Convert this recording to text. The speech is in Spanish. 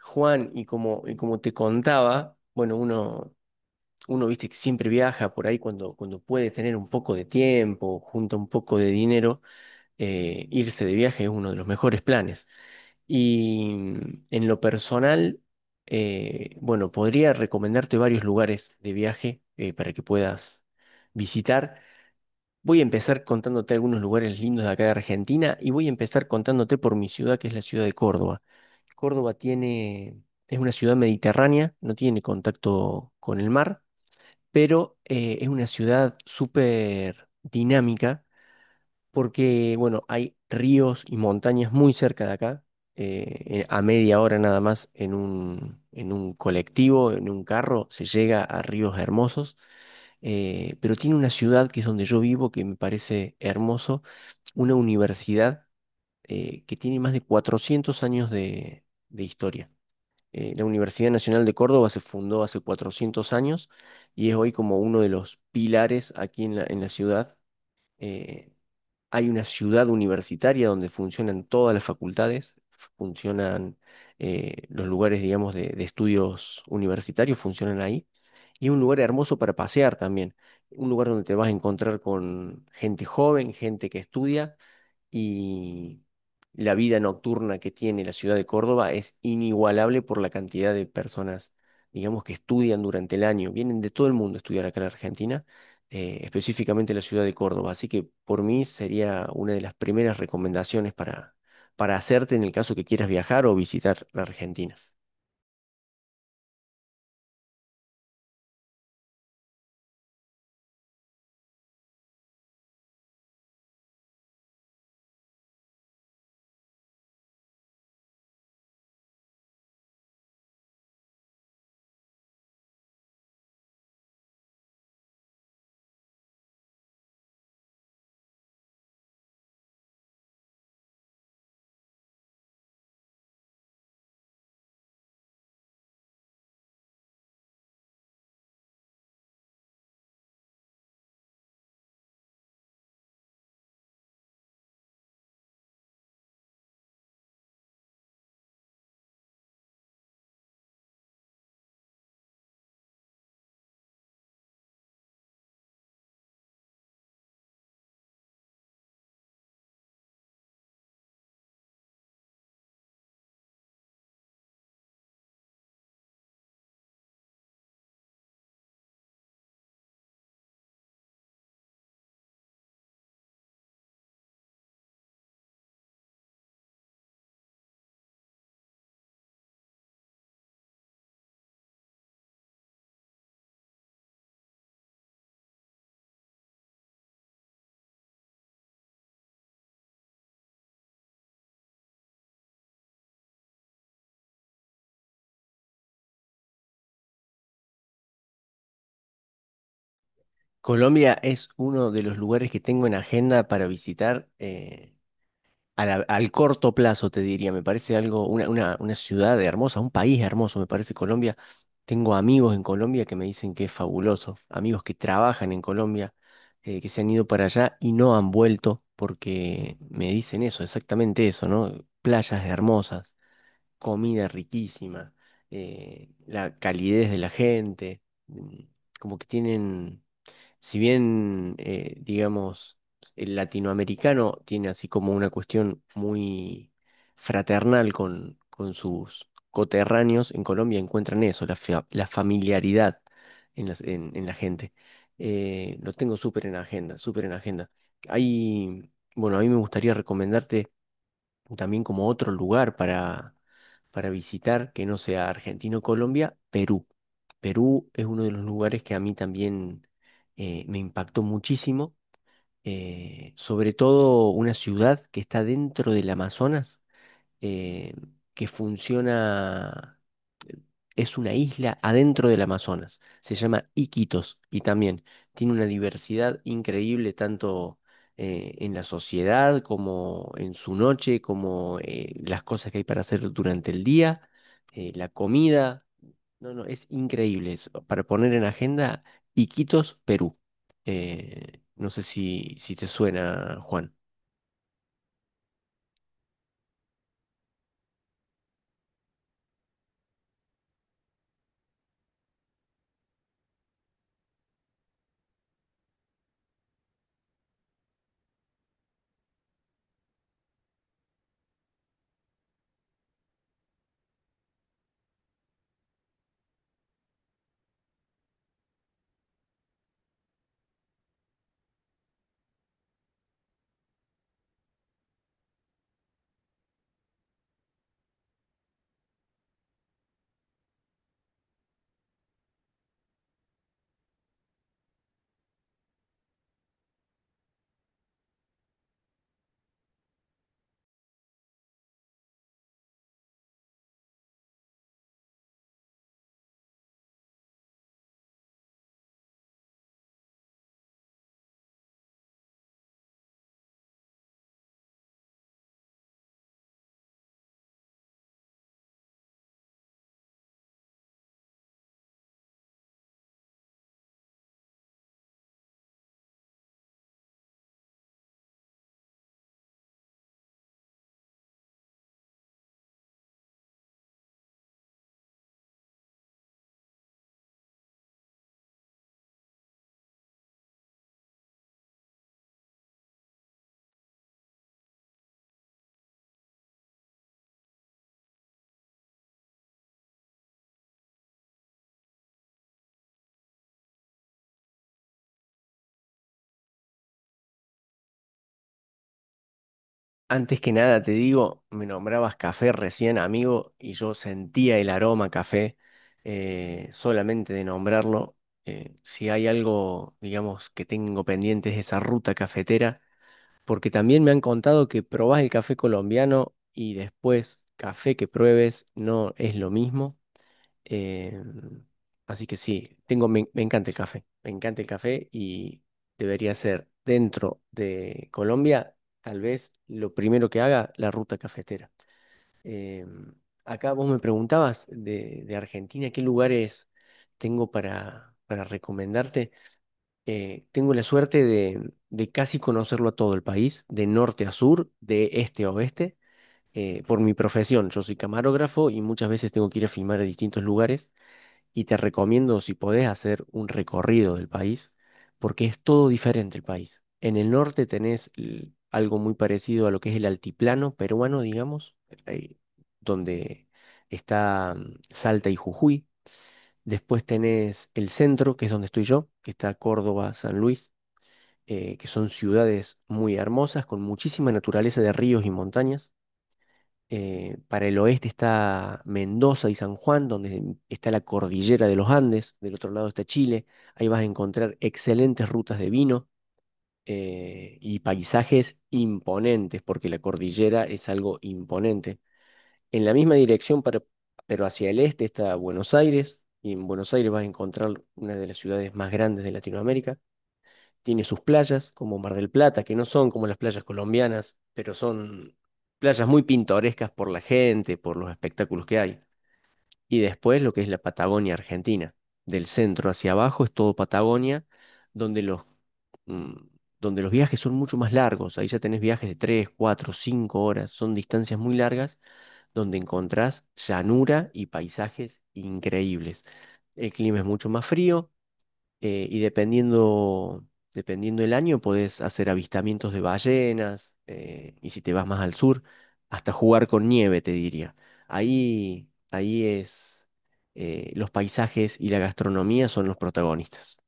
Juan, y como te contaba, bueno, uno viste que siempre viaja por ahí cuando puede tener un poco de tiempo, junta un poco de dinero, irse de viaje es uno de los mejores planes. Y en lo personal, bueno, podría recomendarte varios lugares de viaje para que puedas visitar. Voy a empezar contándote algunos lugares lindos de acá de Argentina y voy a empezar contándote por mi ciudad, que es la ciudad de Córdoba. Córdoba tiene, es una ciudad mediterránea, no tiene contacto con el mar, pero es una ciudad súper dinámica porque, bueno, hay ríos y montañas muy cerca de acá, eh, a media hora nada más en en un colectivo, en un carro, se llega a ríos hermosos, pero tiene una ciudad que es donde yo vivo que me parece hermoso, una universidad que tiene más de 400 años de historia. La Universidad Nacional de Córdoba se fundó hace 400 años y es hoy como uno de los pilares aquí en en la ciudad. Eh, Hay una ciudad universitaria donde funcionan todas las facultades, funcionan los lugares, digamos, de estudios universitarios, funcionan ahí. Y es un lugar hermoso para pasear también, un lugar donde te vas a encontrar con gente joven, gente que estudia y la vida nocturna que tiene la ciudad de Córdoba es inigualable por la cantidad de personas, digamos, que estudian durante el año. Vienen de todo el mundo a estudiar acá en la Argentina, específicamente la ciudad de Córdoba. Así que por mí sería una de las primeras recomendaciones para hacerte en el caso que quieras viajar o visitar la Argentina. Colombia es uno de los lugares que tengo en agenda para visitar. Al corto plazo, te diría. Me parece algo, una ciudad hermosa, un país hermoso, me parece Colombia. Tengo amigos en Colombia que me dicen que es fabuloso, amigos que trabajan en Colombia, que se han ido para allá y no han vuelto porque me dicen eso, exactamente eso, ¿no? Playas hermosas, comida riquísima, la calidez de la gente, mm, como que tienen si bien, digamos, el latinoamericano tiene así como una cuestión muy fraternal con sus coterráneos, en Colombia encuentran eso, la familiaridad en la gente. Lo tengo súper en agenda, súper en agenda. Hay, bueno, a mí me gustaría recomendarte también como otro lugar para visitar que no sea Argentina o Colombia, Perú. Perú es uno de los lugares que a mí también me impactó muchísimo, sobre todo una ciudad que está dentro del Amazonas eh, que funciona, eh, es una isla adentro del Amazonas, se llama Iquitos y también tiene una diversidad increíble tanto en la sociedad como en su noche, como las cosas que hay para hacer durante el día, la comida. No, no, es increíble eso. Para poner en agenda, Iquitos, Perú. No sé si te suena, Juan. Antes que nada, te digo, me nombrabas café recién, amigo, y yo sentía el aroma a café solamente de nombrarlo. Si hay algo, digamos, que tengo pendiente es esa ruta cafetera, porque también me han contado que probás el café colombiano y después café que pruebes no es lo mismo. Eh, Así que sí, tengo, me encanta el café, me encanta el café y debería ser dentro de Colombia, tal vez lo primero que haga la ruta cafetera. Eh, Acá vos me preguntabas de Argentina, ¿qué lugares tengo para recomendarte? Tengo la suerte de casi conocerlo a todo el país, de norte a sur, de este a oeste. Por mi profesión, yo soy camarógrafo y muchas veces tengo que ir a filmar a distintos lugares y te recomiendo si podés hacer un recorrido del país, porque es todo diferente el país. En el norte tenés algo muy parecido a lo que es el altiplano peruano, digamos, eh, donde está Salta y Jujuy. Después tenés el centro, que es donde estoy yo, que está Córdoba, San Luis, que son ciudades muy hermosas, con muchísima naturaleza de ríos y montañas. Para el oeste está Mendoza y San Juan, donde está la cordillera de los Andes. Del otro lado está Chile. Ahí vas a encontrar excelentes rutas de vino y paisajes imponentes, porque la cordillera es algo imponente. En la misma dirección, pero hacia el este está Buenos Aires. Y en Buenos Aires vas a encontrar una de las ciudades más grandes de Latinoamérica. Tiene sus playas, como Mar del Plata, que no son como las playas colombianas, pero son playas muy pintorescas por la gente, por los espectáculos que hay. Y después lo que es la Patagonia Argentina. Del centro hacia abajo es todo Patagonia, donde mm, donde los viajes son mucho más largos. Ahí ya tenés viajes de 3 4 5 horas. Son distancias muy largas donde encontrás llanura y paisajes increíbles. El clima es mucho más frío. Y dependiendo el año, podés hacer avistamientos de ballenas, y si te vas más al sur, hasta jugar con nieve, te diría. Ahí es, los paisajes y la gastronomía son los protagonistas.